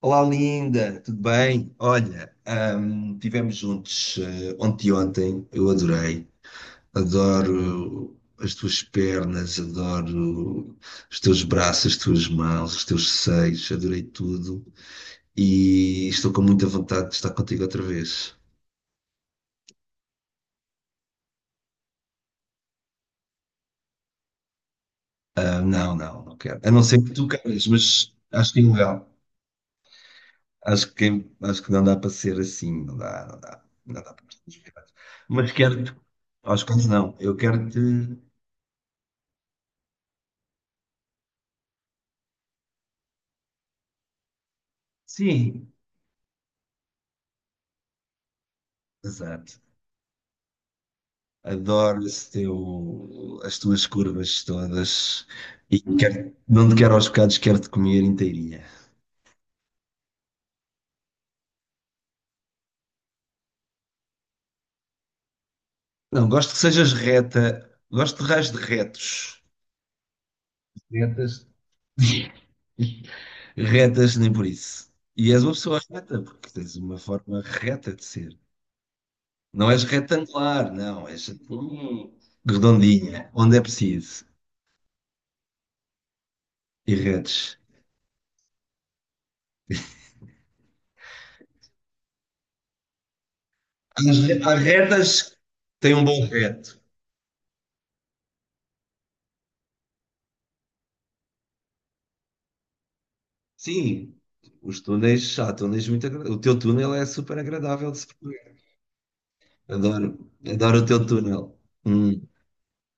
Olá, linda, tudo bem? Olha, tivemos juntos ontem e ontem, eu adorei. Adoro as tuas pernas, adoro os teus braços, as tuas mãos, os teus seios, adorei tudo. E estou com muita vontade de estar contigo outra vez. Ah, não, não, não quero. A não ser que tu queiras, mas acho que é ilegal. Acho que, acho que não dá para ser assim, não dá para ser assim. Mas quero-te, acho que não, eu quero-te. Sim, exato. Adoro esse teu, as tuas curvas todas e quero, não te quero aos bocados, quero-te comer inteirinha. Não, gosto que sejas reta, gosto de raios de retos. Retas. Retas, nem por isso. E és uma pessoa reta, porque tens uma forma reta de ser. Não és retangular, não, és redondinha, onde é preciso. E retos. Há há retas que têm um bom reto. Sim, os túneis, há túneis muito agradáveis. O teu túnel é super agradável de se percorrer. Adoro, adoro o teu túnel. Hum.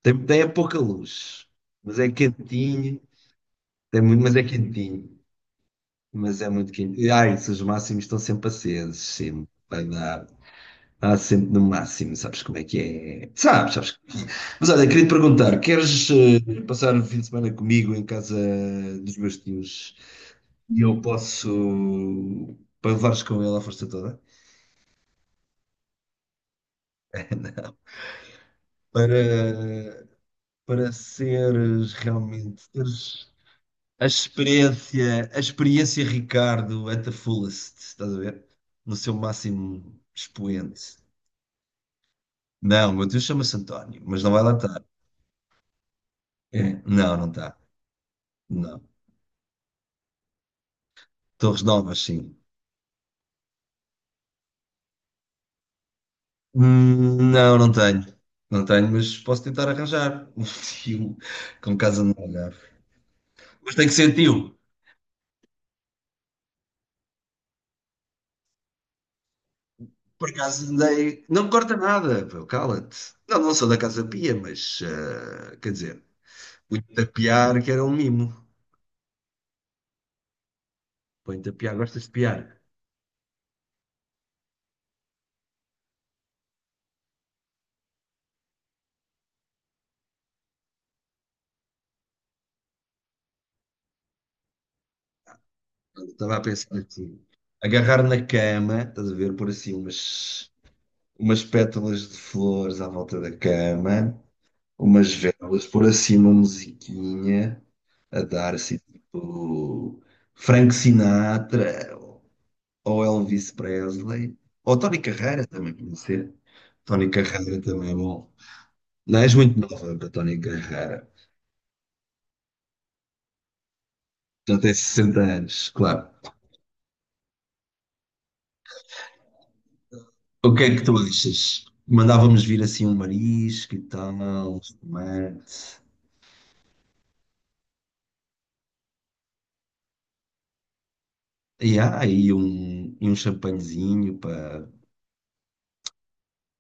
Tem, tem é pouca luz, mas é quentinho. Tem muito, mas é quentinho. Mas é muito quente. E, ai, se os máximos estão sempre acesos, sempre. Vai dar. Há sempre no máximo, sabes como é que é? Sabes, sabes. Mas olha, queria te perguntar: queres passar o fim de semana comigo em casa dos meus tios? E eu posso, para levares com ele à força toda? para, para seres realmente, teres a experiência Ricardo at the fullest, estás a ver? No seu máximo expoente. Não, o meu tio chama-se António, mas não vai lá estar. Não, não está. Não. Torres Novas, sim. Não, não tenho. Não tenho, mas posso tentar arranjar um tio com casa no Algarve. Mas tem que ser tio. Por acaso andei. Não corta nada, pô, cala-te. Não, não sou da Casa Pia, mas quer dizer, põe-te a piar, que era um mimo. Põe-te a piar, gostas de piar. Pronto, estava a pensar assim. Agarrar na cama, estás a ver, por assim umas, umas pétalas de flores à volta da cama, umas velas, por assim uma musiquinha a dar assim, tipo, Frank Sinatra, ou Elvis Presley, ou Tony Carreira também, pode ser. Tony Carrara também é bom. Não, és muito nova para Tony Carrara. Já tens 60 anos, claro. O que é que tu achas? Mandávamos vir assim um marisco e tal, um espumante. E há aí um, e um champanhezinho para,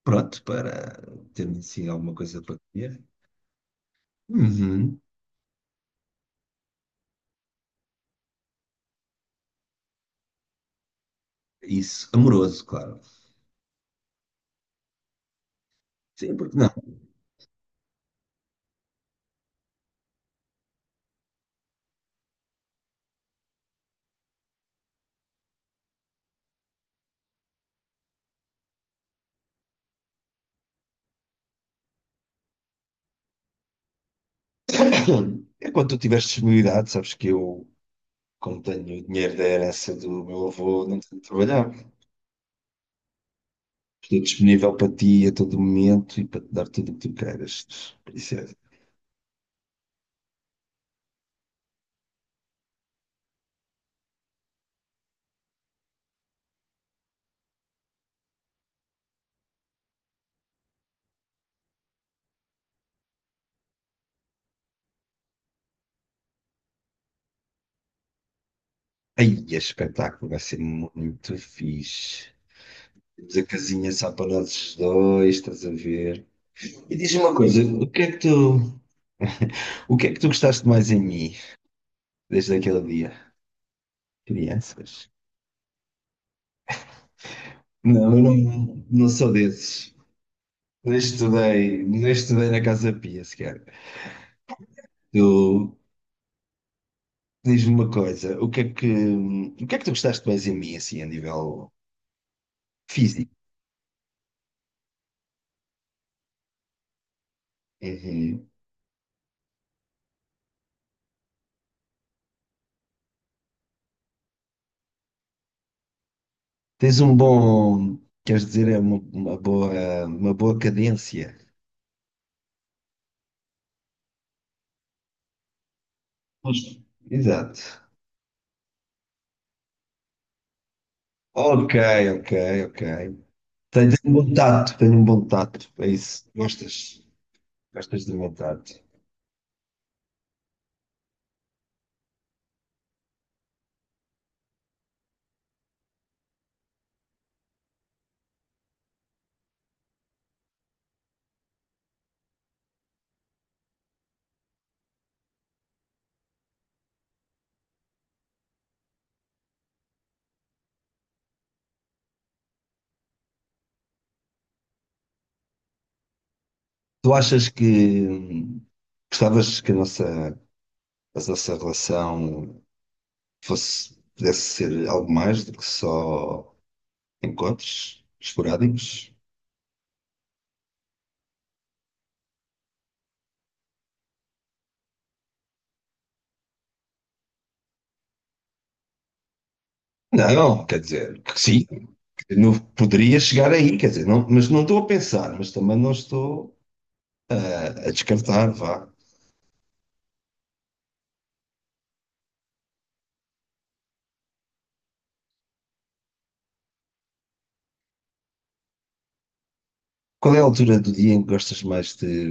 pronto, para termos assim alguma coisa para comer. Uhum. Isso, amoroso, claro. Sim, porque não? É quando tu tiveres disponibilidade, sabes que eu, como tenho o dinheiro da herança do meu avô, não tenho de trabalhar. Estou disponível para ti a todo momento e para te dar tudo o que tu queiras, princesa. Aí, é espetáculo, vai ser muito fixe. Temos a casinha só para nós dois, estás a ver? E diz-me uma coisa, o que é que tu, o que é que tu gostaste mais em mim desde aquele dia? Crianças? Não, eu não, não sou desses. Nem estudei, nem estudei na Casa Pia sequer. Tu diz-me uma coisa, o que é que, o que é que tu gostaste mais em mim, assim, a nível físico? Uhum. Tens um bom, queres dizer, é uma boa cadência. Justo. Exato. Ok, ok, ok. Tens um bom tato, tens um bom tato, é isso. Gostas, gostas de bom tato. Tu achas que gostavas que a nossa relação fosse, pudesse ser algo mais do que só encontros esporádicos? Não, quer dizer, que sim, não poderia chegar aí, quer dizer, não, mas não estou a pensar, mas também não estou a descartar, vá. Qual é a altura do dia em que gostas mais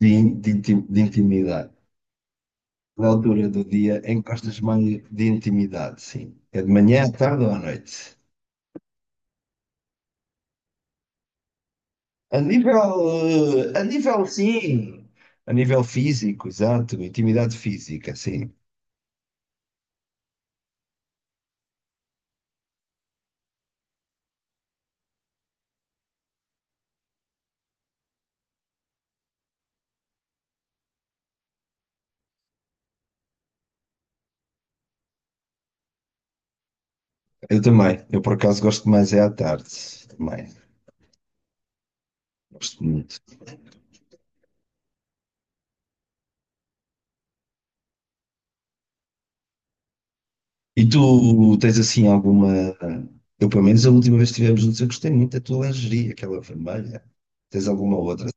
de, de de intimidade? Qual é a altura do dia em que gostas mais de intimidade, sim? É de manhã, à tarde ou à noite? A nível, a nível, sim. A nível físico, exato. Intimidade física, sim. Eu também. Eu, por acaso, gosto mais é à tarde. Também. Gosto muito. E tu tens assim alguma. Eu, pelo menos, a última vez que estivemos juntos, eu gostei muito da tua lingerie, aquela vermelha. Tens alguma outra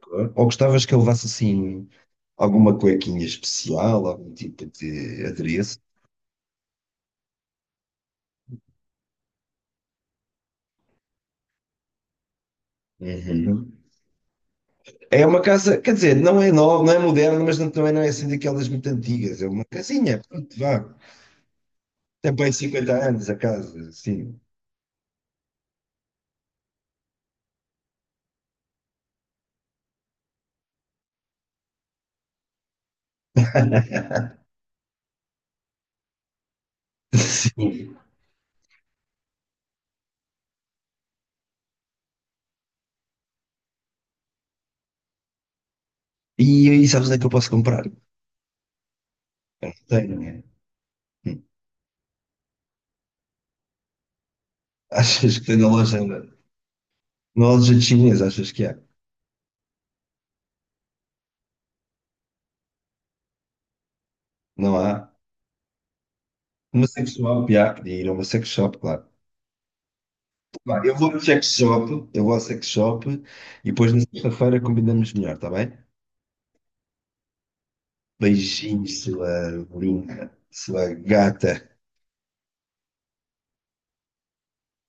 cor? Ou gostavas que eu levasse assim alguma cuequinha especial, algum tipo de adereço? Uhum. É uma casa, quer dizer, não é nova, não é moderna, mas não- também não é assim daquelas muito antigas. É uma casinha, pronto, vá. Tem bem 50 anos a casa, sim. Sim. E aí, sabes onde é que eu posso comprar? Tenho. Achas que tem na loja? Nós já chineses, achas que é? Não há? Uma sex shop, há que ir a uma sex shop, claro. Vá, eu vou ao sex shop, eu vou ao sex shop e depois na sexta-feira combinamos melhor, está bem? Beijinhos, sua linda, sua gata.